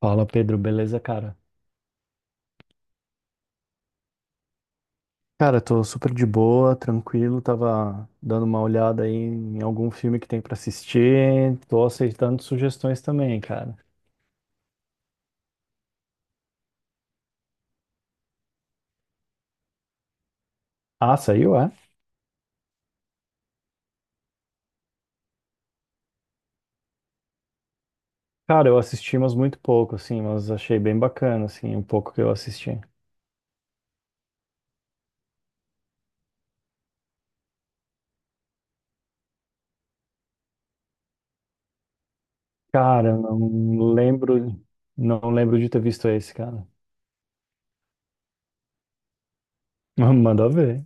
Fala, Pedro, beleza, cara? Cara, tô super de boa, tranquilo, tava dando uma olhada aí em algum filme que tem pra assistir, tô aceitando sugestões também, cara. Ah, saiu, é? Cara, eu assisti, mas muito pouco, assim, mas achei bem bacana, assim, o pouco que eu assisti. Cara, não lembro, não lembro de ter visto esse, cara. Manda ver.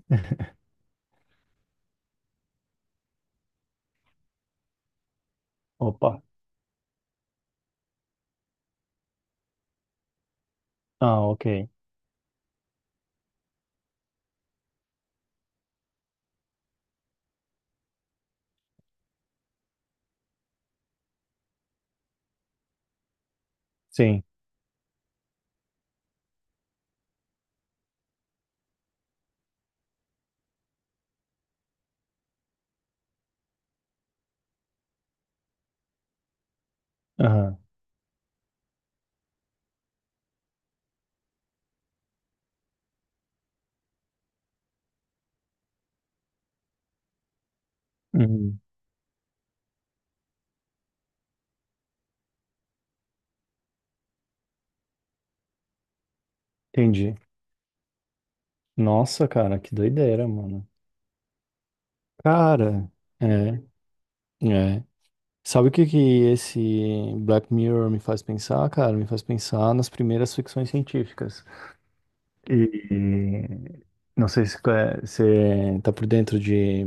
Opa. Ah, ok. Sim. Aham. Uhum. Entendi. Nossa, cara, que doideira, mano. Cara, é, é. Sabe o que que esse Black Mirror me faz pensar, cara? Me faz pensar nas primeiras ficções científicas. E não sei se você tá por dentro de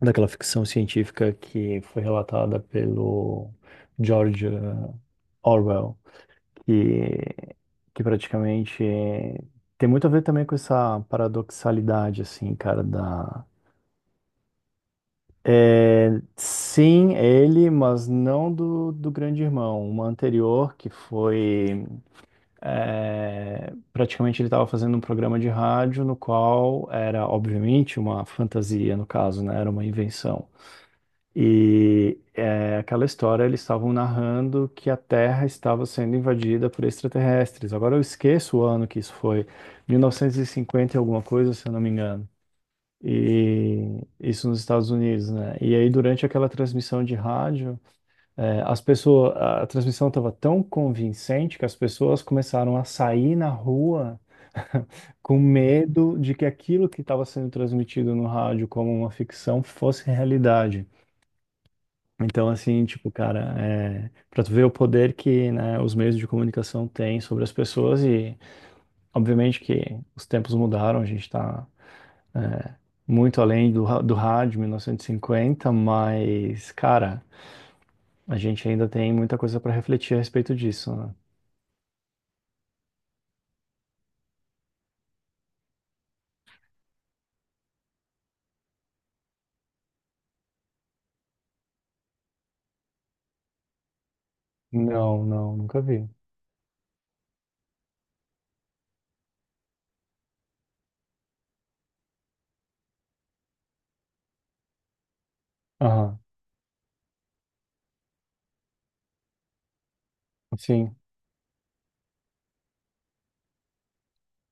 daquela ficção científica que foi relatada pelo George Orwell, que, que praticamente tem muito a ver também com essa paradoxalidade, assim, cara, é, sim, é ele, mas não do Grande Irmão. Uma anterior que foi. É, praticamente ele estava fazendo um programa de rádio no qual era, obviamente, uma fantasia, no caso, né? Era uma invenção. E é, aquela história, eles estavam narrando que a Terra estava sendo invadida por extraterrestres. Agora eu esqueço o ano que isso foi, 1950 e cinquenta e alguma coisa, se eu não me engano. E isso nos Estados Unidos, né? E aí, durante aquela transmissão de rádio, é, as pessoas, a transmissão estava tão convincente que as pessoas começaram a sair na rua com medo de que aquilo que estava sendo transmitido no rádio como uma ficção fosse realidade. Então, assim, tipo, cara, é, para tu ver o poder que, né, os meios de comunicação têm sobre as pessoas e, obviamente, que os tempos mudaram, a gente está muito além do rádio 1950, mas, cara, a gente ainda tem muita coisa para refletir a respeito disso, né? Não, não, nunca vi. Aham, sim.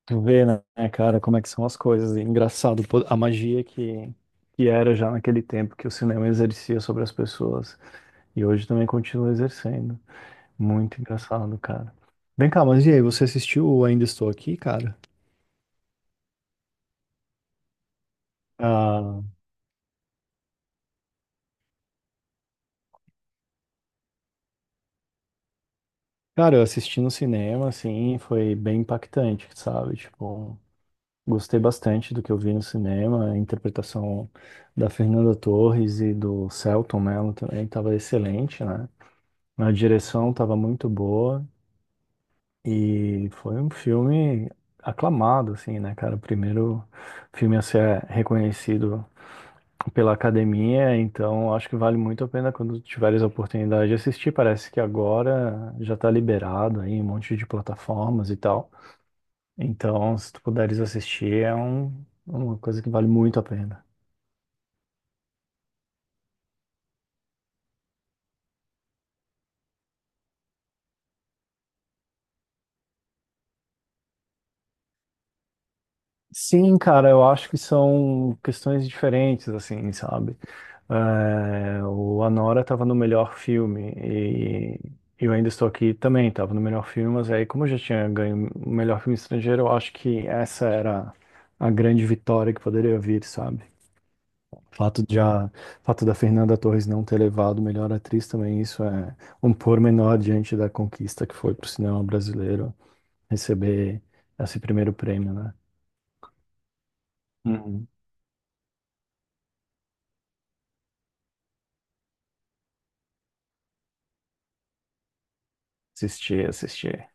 Tu vê, né, cara, como é que são as coisas. E engraçado, pô, a magia que era já naquele tempo que o cinema exercia sobre as pessoas. E hoje também continua exercendo. Muito engraçado, cara. Vem cá, mas e aí, você assistiu o Ainda Estou Aqui, cara? Ah, cara, eu assisti no cinema, assim, foi bem impactante, sabe? Tipo, gostei bastante do que eu vi no cinema, a interpretação da Fernanda Torres e do Selton Mello também estava excelente, né? A direção estava muito boa e foi um filme aclamado, assim, né, cara? O primeiro filme a ser reconhecido pela academia, então acho que vale muito a pena quando tiveres a oportunidade de assistir. Parece que agora já está liberado aí, em um monte de plataformas e tal. Então, se tu puderes assistir, é um, uma coisa que vale muito a pena. Sim, cara, eu acho que são questões diferentes, assim, sabe? É, o Anora estava no melhor filme e eu ainda estou aqui também, estava no melhor filme, mas aí, como eu já tinha ganho o melhor filme estrangeiro, eu acho que essa era a grande vitória que poderia vir, sabe? Fato de a, fato da Fernanda Torres não ter levado melhor atriz também, isso é um pormenor diante da conquista que foi para o cinema brasileiro receber esse primeiro prêmio, né? Uhum. Assistir, assistir.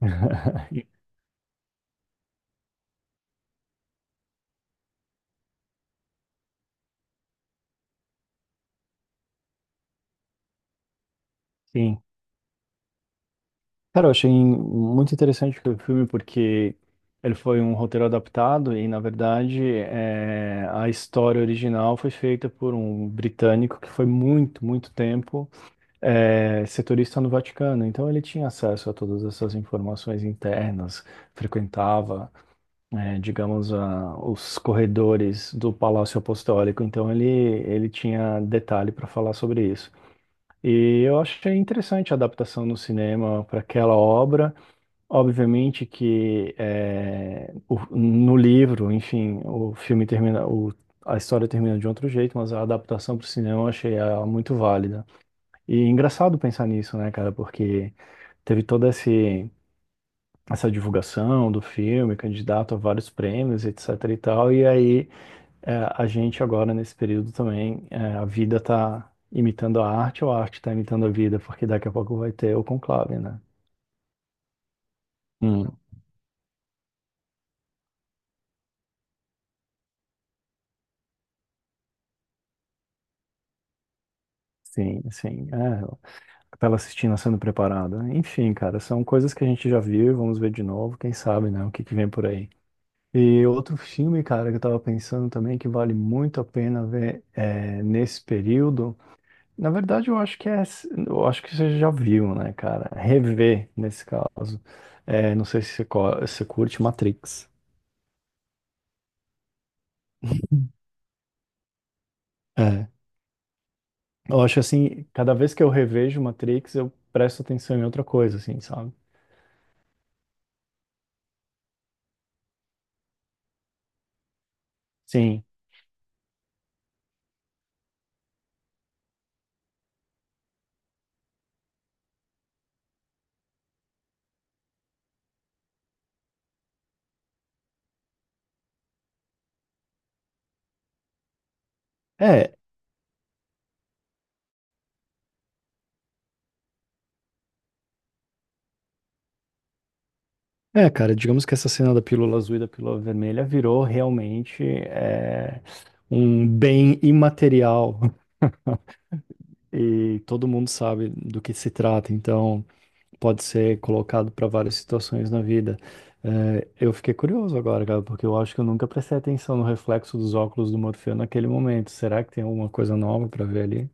Sim. Cara, eu achei muito interessante o filme porque ele foi um roteiro adaptado e, na verdade, é, a história original foi feita por um britânico que foi muito, muito tempo é, setorista no Vaticano, então ele tinha acesso a todas essas informações internas, frequentava, é, digamos, os corredores do Palácio Apostólico, então ele tinha detalhe para falar sobre isso. E eu achei interessante a adaptação no cinema para aquela obra. Obviamente que é, no livro, enfim, o filme termina, a história termina de outro jeito, mas a adaptação para o cinema eu achei ela muito válida. E é engraçado pensar nisso, né, cara? Porque teve toda essa divulgação do filme, candidato a vários prêmios, etc e tal. E aí, é, a gente agora, nesse período também, é, a vida tá imitando a arte ou a arte tá imitando a vida? Porque daqui a pouco vai ter o conclave, né? Hum, sim, sim. É, a Capela Sistina sendo preparada. Enfim, cara, são coisas que a gente já viu e vamos ver de novo. Quem sabe, né, o que que vem por aí. E outro filme, cara, que eu tava pensando também que vale muito a pena ver é, nesse período. Na verdade, eu acho que é, eu acho que você já viu, né, cara? Rever nesse caso. É, não sei se você, se você curte Matrix. É. Eu acho assim, cada vez que eu revejo Matrix, eu presto atenção em outra coisa, assim, sabe? Sim. É, é, cara, digamos que essa cena da pílula azul e da pílula vermelha virou realmente um bem imaterial e todo mundo sabe do que se trata, então pode ser colocado para várias situações na vida. É, eu fiquei curioso agora, cara, porque eu acho que eu nunca prestei atenção no reflexo dos óculos do Morfeu naquele momento. Será que tem alguma coisa nova para ver ali?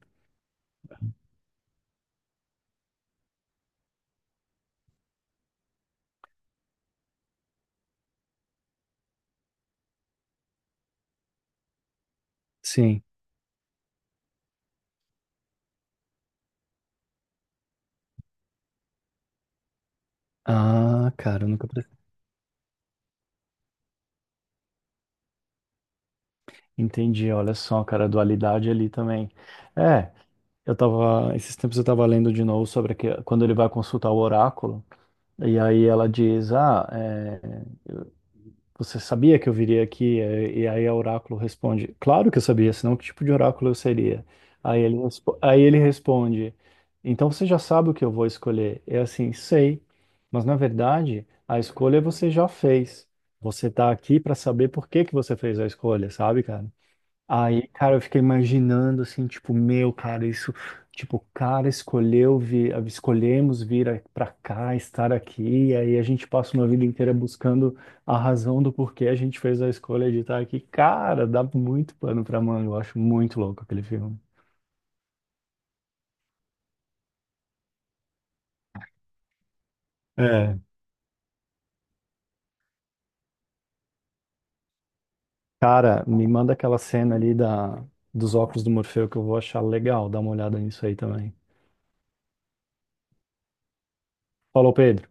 Sim. Ah, cara, eu nunca prestei. Entendi, olha só, cara, a dualidade ali também. É, eu tava, esses tempos eu tava lendo de novo sobre que, quando ele vai consultar o oráculo, e aí ela diz, ah, é, você sabia que eu viria aqui? E aí o oráculo responde: Claro que eu sabia, senão que tipo de oráculo eu seria? Aí ele responde: Então você já sabe o que eu vou escolher? É assim, sei, mas na verdade a escolha você já fez. Você está aqui para saber por que que você fez a escolha, sabe, cara? Aí, cara, eu fiquei imaginando assim, tipo, meu, cara, isso, tipo, o cara escolheu vir, escolhemos vir pra cá, estar aqui, e aí a gente passa uma vida inteira buscando a razão do porquê a gente fez a escolha de estar aqui. Cara, dá muito pano pra manga, eu acho muito louco aquele filme. É. Cara, me manda aquela cena ali dos óculos do Morfeu que eu vou achar legal, dá uma olhada nisso aí também. Falou, Pedro.